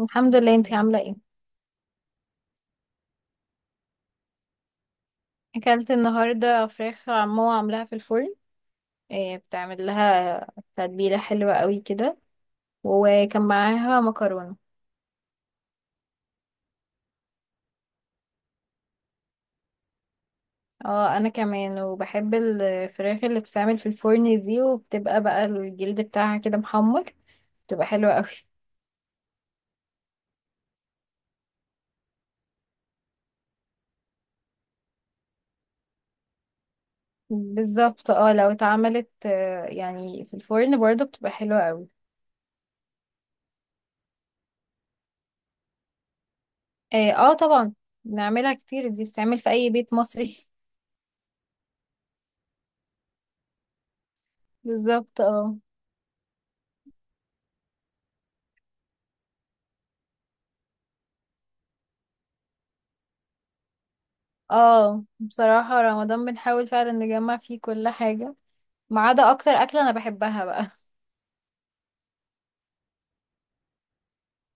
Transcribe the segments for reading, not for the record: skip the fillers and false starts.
الحمد لله، انتي عاملة ايه؟ اكلت النهاردة فراخ عمو عاملاها في الفرن. إيه بتعمل لها؟ تتبيلة حلوة قوي كده، وكان معاها مكرونة. اه انا كمان، وبحب الفراخ اللي بتتعمل في الفرن دي، وبتبقى بقى الجلد بتاعها كده محمر، بتبقى حلوة قوي. بالظبط اه، لو اتعملت يعني في الفرن برضه بتبقى حلوة قوي. اه طبعا، بنعملها كتير، دي بتتعمل في اي بيت مصري. بالظبط اه. اه بصراحة رمضان بنحاول فعلا نجمع فيه كل حاجة، ما عدا اكتر اكلة انا بحبها بقى.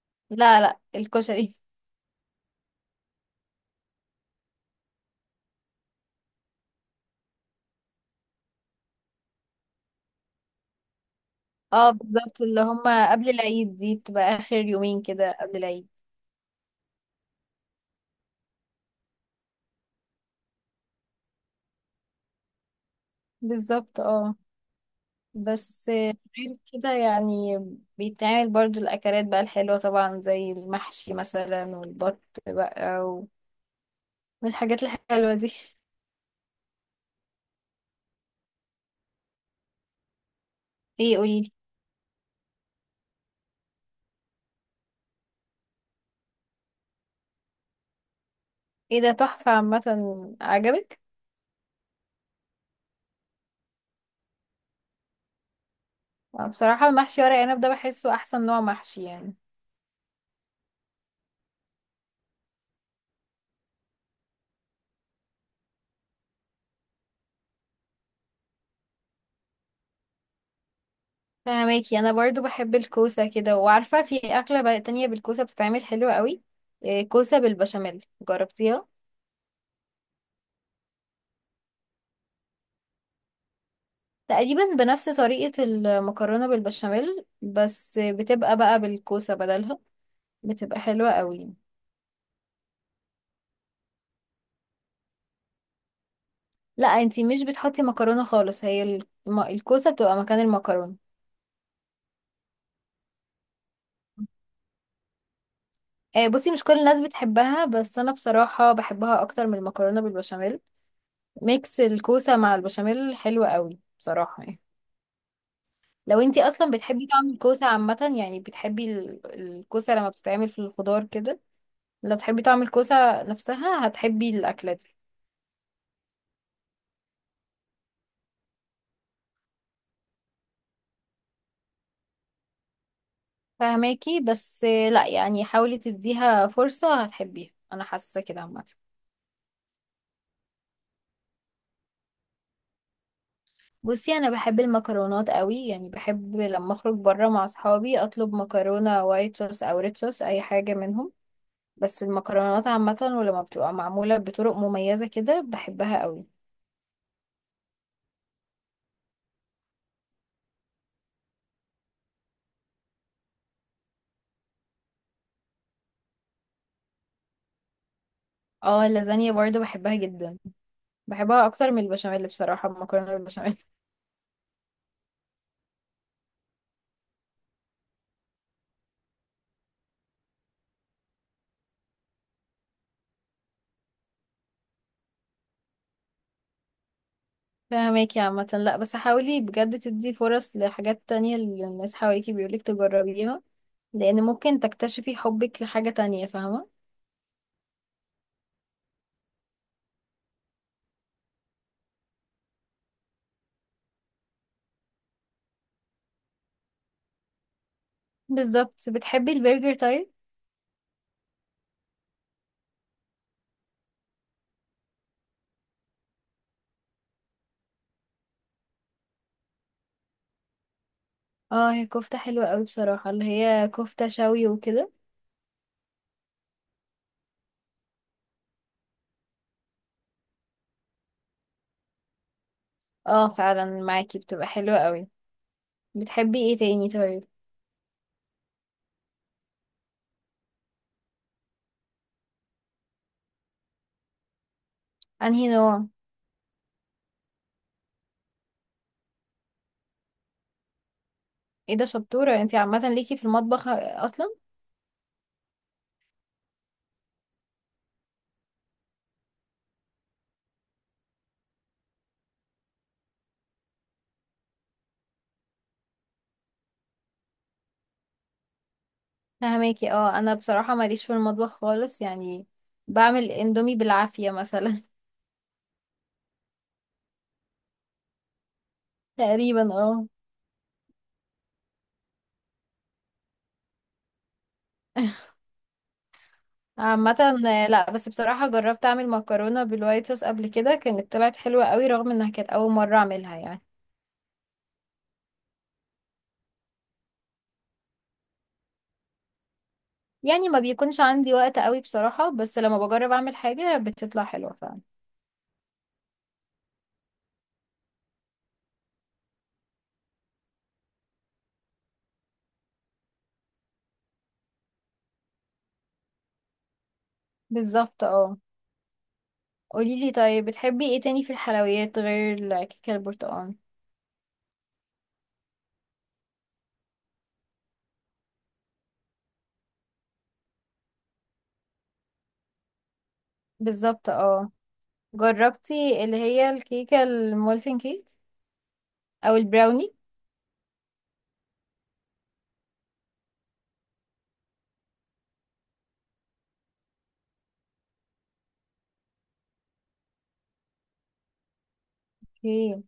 لا لا، الكشري. اه بالظبط، اللي هما قبل العيد دي بتبقى اخر يومين كده قبل العيد. بالظبط اه. بس غير كده يعني، بيتعمل برضو الاكلات بقى الحلوة طبعا، زي المحشي مثلا والبط بقى والحاجات الحلوة دي. ايه؟ قوليلي. ايه ده تحفة، عامة عجبك؟ بصراحة المحشي ورق عنب ده بحسه احسن نوع محشي يعني. فهماكي، انا برضو بحب الكوسه كده، وعارفه في اكله بقى تانية بالكوسه بتتعمل حلوه قوي. إيه، كوسه بالبشاميل، جربتيها؟ تقريبا بنفس طريقه المكرونه بالبشاميل، بس بتبقى بقى بالكوسه بدلها، بتبقى حلوه قوي. لا انتي مش بتحطي مكرونه خالص، هي الكوسه بتبقى مكان المكرونه. بصي مش كل الناس بتحبها، بس انا بصراحه بحبها اكتر من المكرونه بالبشاميل. ميكس الكوسه مع البشاميل حلو قوي بصراحه يعني. لو انتي اصلا بتحبي طعم الكوسه عامه، يعني بتحبي الكوسه لما بتتعمل في الخضار كده، لو بتحبي طعم الكوسه نفسها هتحبي الاكله دي. فهماكي، بس لا يعني حاولي تديها فرصه، هتحبيها، انا حاسه كده عامه. بصي انا بحب المكرونات قوي، يعني بحب لما اخرج بره مع اصحابي اطلب مكرونه وايت صوص او ريد صوص، اي حاجه منهم. بس المكرونات عامه، ولما بتبقى معموله بطرق مميزه كده بحبها قوي. اه اللازانيا برضو بحبها جدا، بحبها اكتر من البشاميل بصراحة، المكرونة بالبشاميل. فهماكي عامة، لا بس حاولي بجد تدي فرص لحاجات تانية اللي الناس حواليكي بيقولك تجربيها، لان ممكن تكتشفي حبك لحاجة تانية، فاهمة؟ بالظبط. بتحبي البرجر طيب؟ اه هي كفتة حلوة قوي بصراحة، اللي هي كفتة شوي وكده. اه فعلا، معاكي، بتبقى حلوة قوي. بتحبي ايه تاني طيب؟ انهي نوع؟ ايه ده، شطورة انتي عامة ليكي في المطبخ اصلا. فهماكي، اه انا بصراحة ماليش في المطبخ خالص يعني، بعمل اندومي بالعافية مثلا. تقريبا اه. عامة لا بس بصراحة جربت اعمل مكرونة بالوايت صوص قبل كده، كانت طلعت حلوة قوي، رغم انها كانت اول مرة اعملها يعني. يعني ما بيكونش عندي وقت قوي بصراحة، بس لما بجرب اعمل حاجة بتطلع حلوة فعلا. بالظبط اه. قوليلي طيب، بتحبي ايه تاني في الحلويات غير الكيكة البرتقال؟ بالظبط اه. جربتي اللي هي الكيكة المولتن كيك، او البراوني؟ اوكي.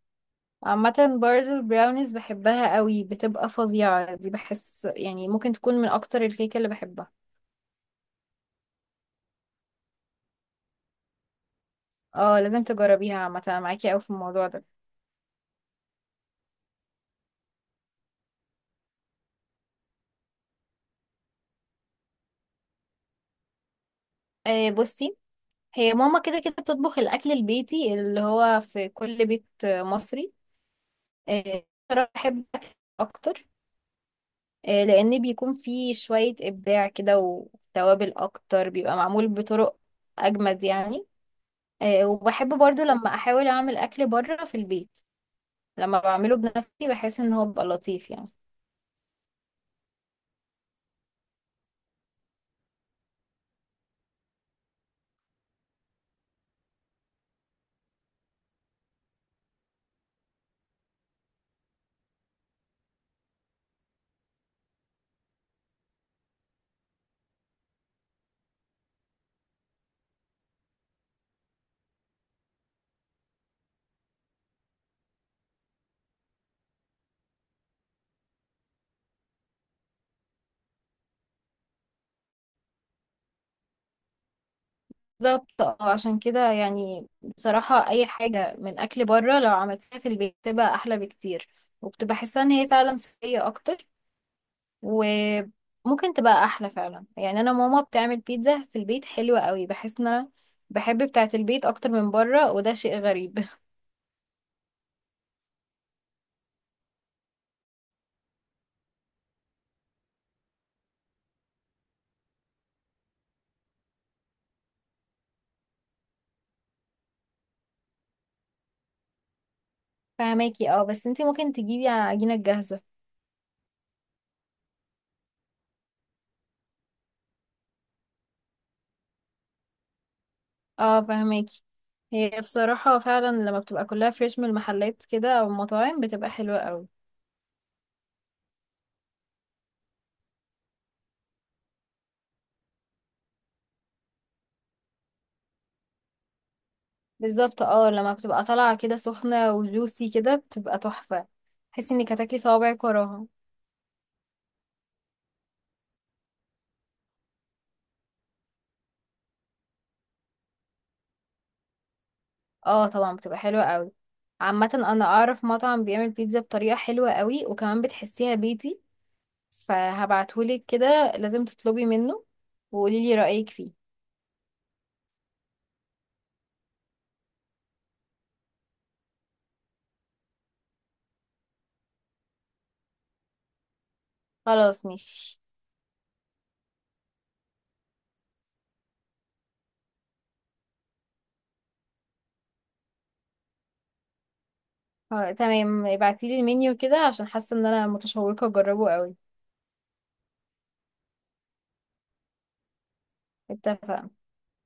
عامة برضه البراونيز بحبها قوي، بتبقى فظيعة دي، بحس يعني ممكن تكون من اكتر الكيكة اللي بحبها. اه لازم تجربيها عامة، أنا معاكي قوي في الموضوع ده. آه بصي، هي ماما كده كده بتطبخ الاكل البيتي اللي هو في كل بيت مصري. آه صراحة بحب الأكل اكتر، آه لان بيكون فيه شوية ابداع كده وتوابل اكتر، بيبقى معمول بطرق اجمد يعني. آه وبحب برضو لما احاول اعمل اكل بره في البيت، لما بعمله بنفسي بحس ان هو بيبقى لطيف يعني. بالظبط اه، عشان كده يعني بصراحة اي حاجة من اكل بره لو عملتها في البيت بتبقى احلى بكتير، وبتبقى حاسة ان هي فعلا صحية اكتر، وممكن تبقى احلى فعلا. يعني انا ماما بتعمل بيتزا في البيت حلوة قوي، بحس ان انا بحب بتاعة البيت اكتر من بره، وده شيء غريب. فهماكي، اه بس انتي ممكن تجيبي عجينة جاهزة. اه فهماكي، هي بصراحة فعلا لما بتبقى كلها فريش من المحلات كده او المطاعم بتبقى حلوة قوي. بالظبط اه، لما بتبقى طالعة كده سخنة وجوسي كده بتبقى تحفة، تحسي انك هتاكلي صوابعك وراها. اه طبعا بتبقى حلوة قوي. عامة انا اعرف مطعم بيعمل بيتزا بطريقة حلوة قوي، وكمان بتحسيها بيتي، فهبعتهولك كده، لازم تطلبي منه وقوليلي رأيك فيه. خلاص ماشي. اه تمام، ابعتيلي المنيو كده، عشان حاسة ان انا متشوقة اجربه قوي. اتفقنا.